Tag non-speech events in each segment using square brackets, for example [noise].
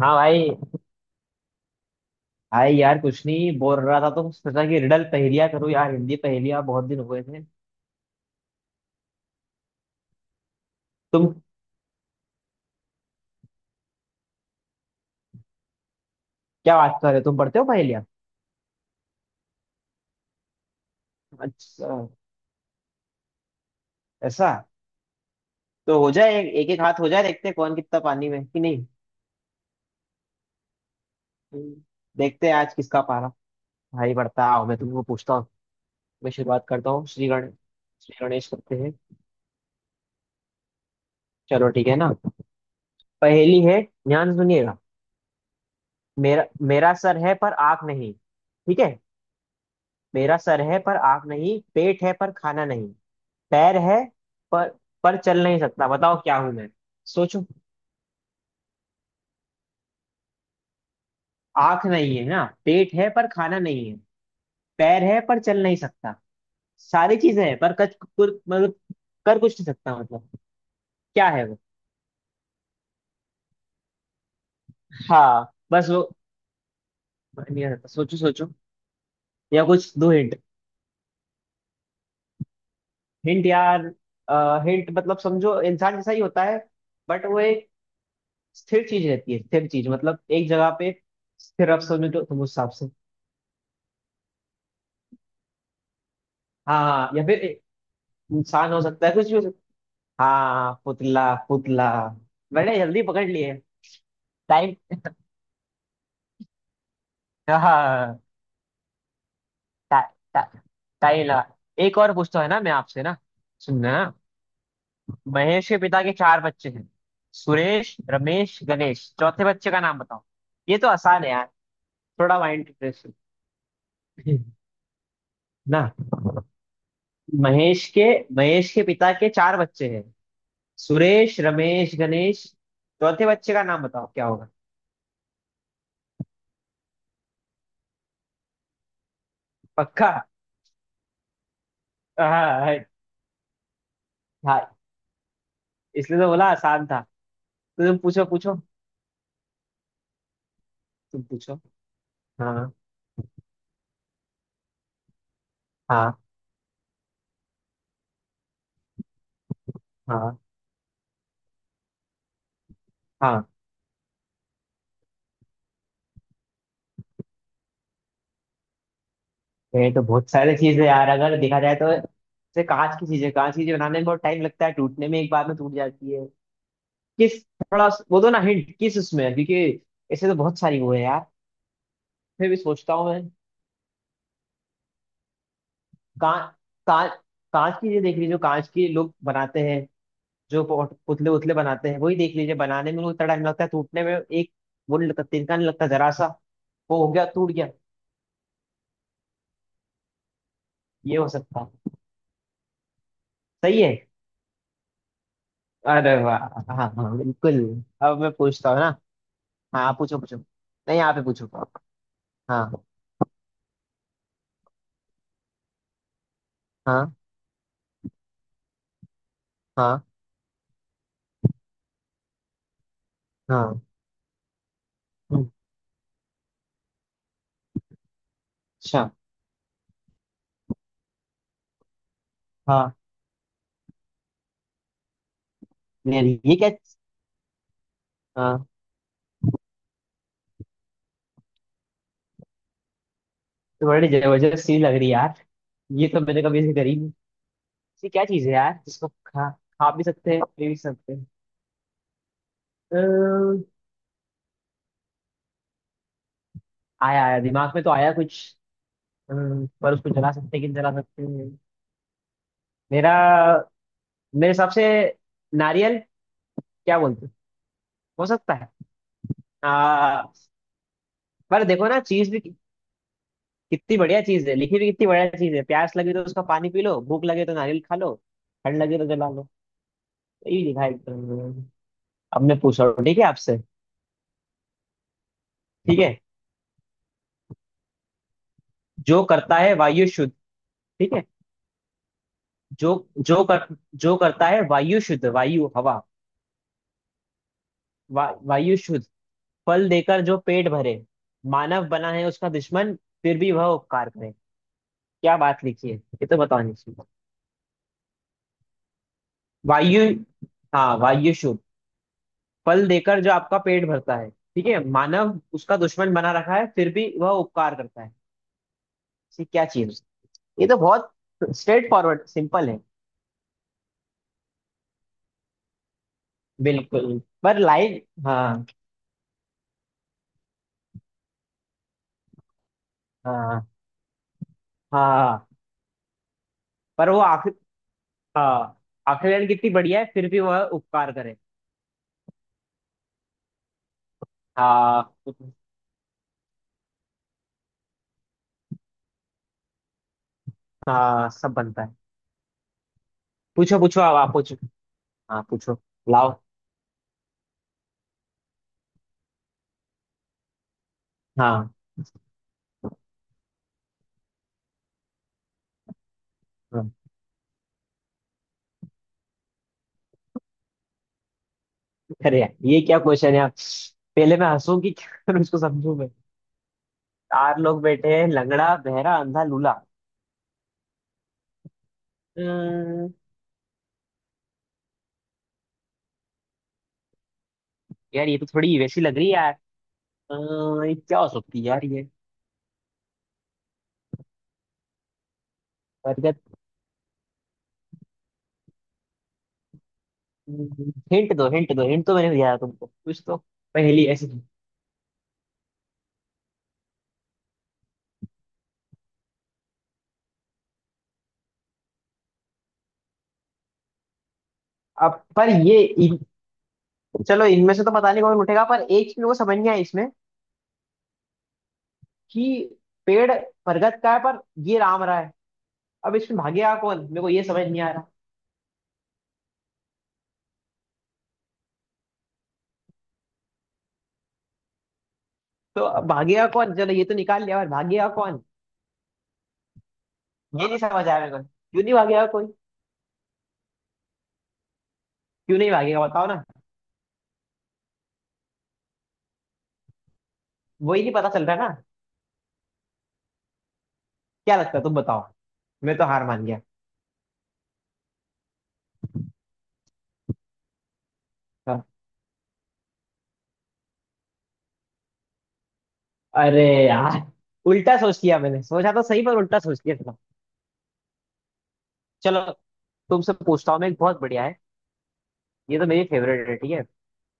हाँ भाई। आए यार, कुछ नहीं, बोर हो रहा था तो सोचा कि रिडल पहेलियां करूँ यार। हिंदी पहेलियां बहुत दिन हुए थे। तुम क्या बात कर रहे हो, तुम पढ़ते हो पहेलियां? अच्छा, ऐसा? तो हो जाए, एक एक हाथ हो जाए, देखते हैं कौन कितना पानी में है कि नहीं। हम्म, देखते हैं आज किसका पारा भाई बढ़ता है। आओ, मैं तुमको पूछता हूँ। मैं शुरुआत करता हूँ, श्री गणेश, श्री गणेश करते हैं। चलो ठीक है ना। पहेली है, ध्यान सुनिएगा। मेरा मेरा सर है पर आँख नहीं, ठीक है? मेरा सर है पर आँख नहीं, पेट है पर खाना नहीं, पैर है पर पर चल नहीं सकता। बताओ क्या हूं मैं, सोचो। आंख नहीं है ना, पेट है पर खाना नहीं है, पैर है पर चल नहीं सकता। सारी चीजें हैं पर मतलब कर कुछ नहीं सकता, मतलब क्या है वो। हाँ, बस वो नहीं आ सकता, सोचो सोचो। या कुछ दो हिंट। हिंट यार, हिंट मतलब समझो, इंसान जैसा ही होता है, बट वो एक स्थिर चीज रहती है। स्थिर चीज मतलब एक जगह पे स्थिर। अब समझो तो तुम उस हिसाब से। हाँ हाँ, या फिर इंसान हो सकता है, कुछ भी हो। हाँ, पुतला पुतला। मैंने जल्दी पकड़ लिए। टाइम। हाँ। टा, टा, टाइम लगा। एक और पूछता है ना मैं आपसे ना, सुनना। महेश के पिता के चार बच्चे हैं, सुरेश रमेश गणेश, चौथे बच्चे का नाम बताओ। ये तो आसान है यार, थोड़ा माइंड फ्रेश। [laughs] ना, महेश के महेश के पिता के चार बच्चे हैं, सुरेश रमेश गणेश, चौथे बच्चे का नाम बताओ क्या होगा। पक्का? हाँ हाँ। हाँ, इसलिए तो बोला आसान था। तो तुम पूछो पूछो। तुम पूछो। हाँ। हाँ। हाँ। हाँ। ये तो बहुत सारी चीजें यार, अगर देखा जाए तो जैसे कांच की चीजें, कांच की चीजें बनाने में बहुत टाइम लगता है, टूटने में एक बार में टूट जाती है। किस, थोड़ा वो दो ना हिंट, किस उसमें है? क्योंकि ऐसे तो बहुत सारी वो है यार। फिर भी सोचता हूँ मैं। कांच कांच, कांच की चीजें देख लीजिए, जो कांच के लोग बनाते हैं, जो पुतले उतले बनाते हैं वही देख लीजिए, बनाने में उतना टाइम लगता है, टूटने में एक वो नहीं लगता, तिनका नहीं लगता जरा सा, वो हो गया, टूट गया। ये हो सकता है। सही है। अरे वाह, हाँ हाँ बिल्कुल। अब मैं पूछता हूँ ना। हाँ, आप पूछो पूछो, नहीं आप ही पूछो। हाँ। हाँ। हाँ। हाँ। हम्म, अच्छा। हाँ। यार ये क्या। हाँ, तो बड़ी जबरदस्त चीज लग रही है यार, ये तो मैंने कभी ऐसे करी नहीं। ये क्या चीज है यार जिसको खा, खा भी सकते हैं, पी भी सकते हैं। अम्म, आया आया, दिमाग में तो आया कुछ। पर उसको जला सकते हैं कि नहीं जला सकते हैं। मेरा मेरे हिसाब से नारियल, क्या बोलते हो सकता है। आ, पर देखो ना, चीज भी कितनी बढ़िया चीज है, लिखी भी कितनी बढ़िया चीज है। प्यास लगे तो उसका पानी पी लो, भूख लगे तो नारियल खा लो, ठंड लगे तो जला लो। यही लिखा है एकदम। अब मैं पूछ रहा हूँ ठीक है आपसे। ठीक है, जो करता है वायु शुद्ध, ठीक है। जो जो कर जो करता है वायु शुद्ध, वायु हवा, वा, वायु शुद्ध। फल देकर जो पेट भरे, मानव बना है उसका दुश्मन, फिर भी वह उपकार करे। क्या बात लिखी है, ये तो बतानी चाहिए। वायु, हाँ वायु शुद्ध। फल देकर जो आपका पेट भरता है, ठीक है, मानव उसका दुश्मन बना रखा है, फिर भी वह उपकार करता है। ये क्या चीज, ये तो बहुत स्ट्रेट फॉरवर्ड सिंपल है। बिल्कुल। पर लाइन, हाँ हाँ। हाँ, पर वो आखिर, हाँ आखिर लाइन कितनी बढ़िया है, फिर भी वह उपकार करे। हाँ, हाँ सब बनता है। पूछो पूछो, अब आप पूछो। हाँ पूछो, लाओ। हाँ। हाँ। अरे यार, ये क्या क्वेश्चन है आप। पहले मैं हंसूं कि क्या [laughs] करूं, उसको समझूं मैं। चार लोग बैठे हैं, लंगड़ा बहरा अंधा लूला। अ, यार ये तो थोड़ी वैसी लग रही है यार। अ, ये क्या हो सकती है यार ये। बरगद। हिंट दो, हिंट दो, हिंट तो मैंने दिया था तुमको कुछ तो, पहेली ऐसी थी। अब पर ये चलो इनमें से तो पता नहीं कौन उठेगा, पर एक चीज को समझ नहीं आई इसमें, कि पेड़ बरगद का है पर ये राम रहा है, अब इसमें भागेगा कौन, मेरे को ये समझ नहीं आ रहा। तो अब भागेगा कौन, चलो ये तो निकाल लिया पर भागेगा कौन, ये नहीं समझ आया मेरे को, क्यों नहीं भागेगा कोई, क्यों नहीं भागेगा बताओ ना, वही नहीं पता चल रहा है ना। क्या लगता है तुम बताओ, मैं तो हार मान गया। हाँ। अरे यार, उल्टा सोच लिया, मैंने सोचा तो सही पर उल्टा सोच लिया था। चलो, तुमसे पूछता हूँ मैं, एक बहुत बढ़िया है, ये तो मेरी फेवरेट है, ठीक है।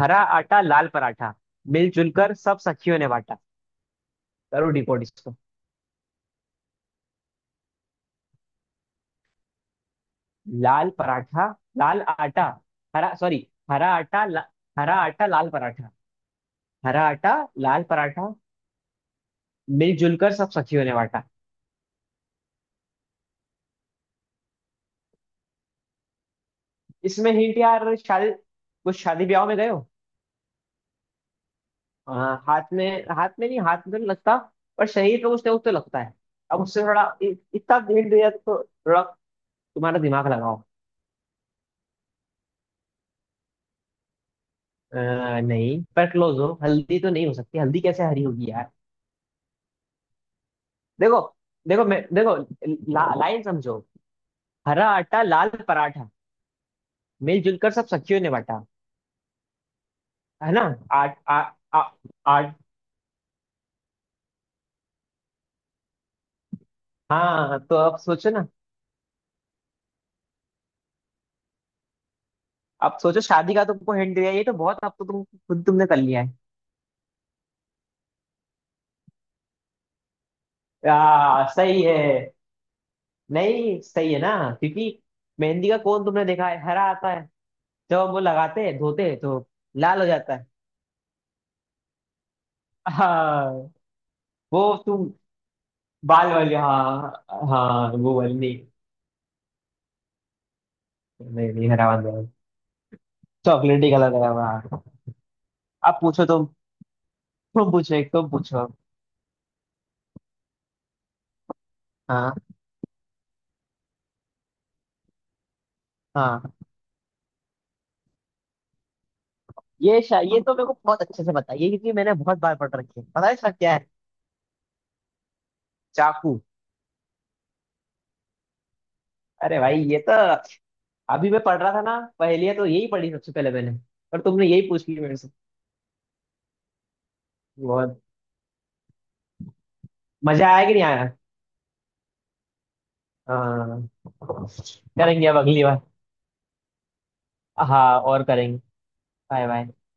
हरा आटा लाल पराठा, मिलजुल कर सब सखियों ने बांटा। करो डिपोट इसको। लाल पराठा, लाल आटा, हरा, सॉरी, हरा आटा ला, हरा आटा लाल पराठा। हरा आटा लाल पराठा, मिलजुल कर सब सखियों ने बांटा। इसमें हिंट यार, शादी, कुछ शादी ब्याह में गए हो। हाँ, हाथ में, हाथ में नहीं, हाथ में तो नहीं लगता, पर शरीर पे कुछ ना कुछ तो लगता है। अब उससे थोड़ा इतना हिंट दिया तो थोड़ा तुम्हारा दिमाग लगाओ। अ, नहीं, पर क्लोज हो, हल्दी तो नहीं हो सकती, हल्दी कैसे हरी होगी यार। देखो देखो मैं, देखो, लाइन समझो, हरा आटा लाल पराठा, मिलजुल कर सब सखियों ने बांटा, है ना। आठ आ, आ, आठ, हाँ तो अब सोचो ना। अब सोचो, शादी का तुमको हिंट दिया, ये तो बहुत, अब तो तुम खुद, तुमने कर लिया है। सही है, नहीं सही है ना, क्योंकि मेहंदी का कोन तुमने देखा है हरा आता है, जब हम वो लगाते हैं, धोते हैं तो लाल हो जाता है। हाँ, वो तुम, बाल वाली, हाँ हाँ, वो वाली नहीं, नहीं हरा वाला चॉकलेटी कलर लगा हुआ है। आप पूछो तुम पूछो, एक तुम पूछो। हाँ। हाँ। ये तो मेरे को बहुत अच्छे से पता है ये, क्योंकि मैंने बहुत बार पढ़ रखी है, पता है इसका क्या है। चाकू। अरे भाई ये तो, अभी मैं पढ़ रहा था ना पहेलियां, तो यही पढ़ी सबसे पहले मैंने, पर तुमने यही पूछ ली मेरे से। बहुत। मजा आया कि नहीं आया। हाँ, करेंगे अब अगली बार। हाँ और करेंगे। Bye bye.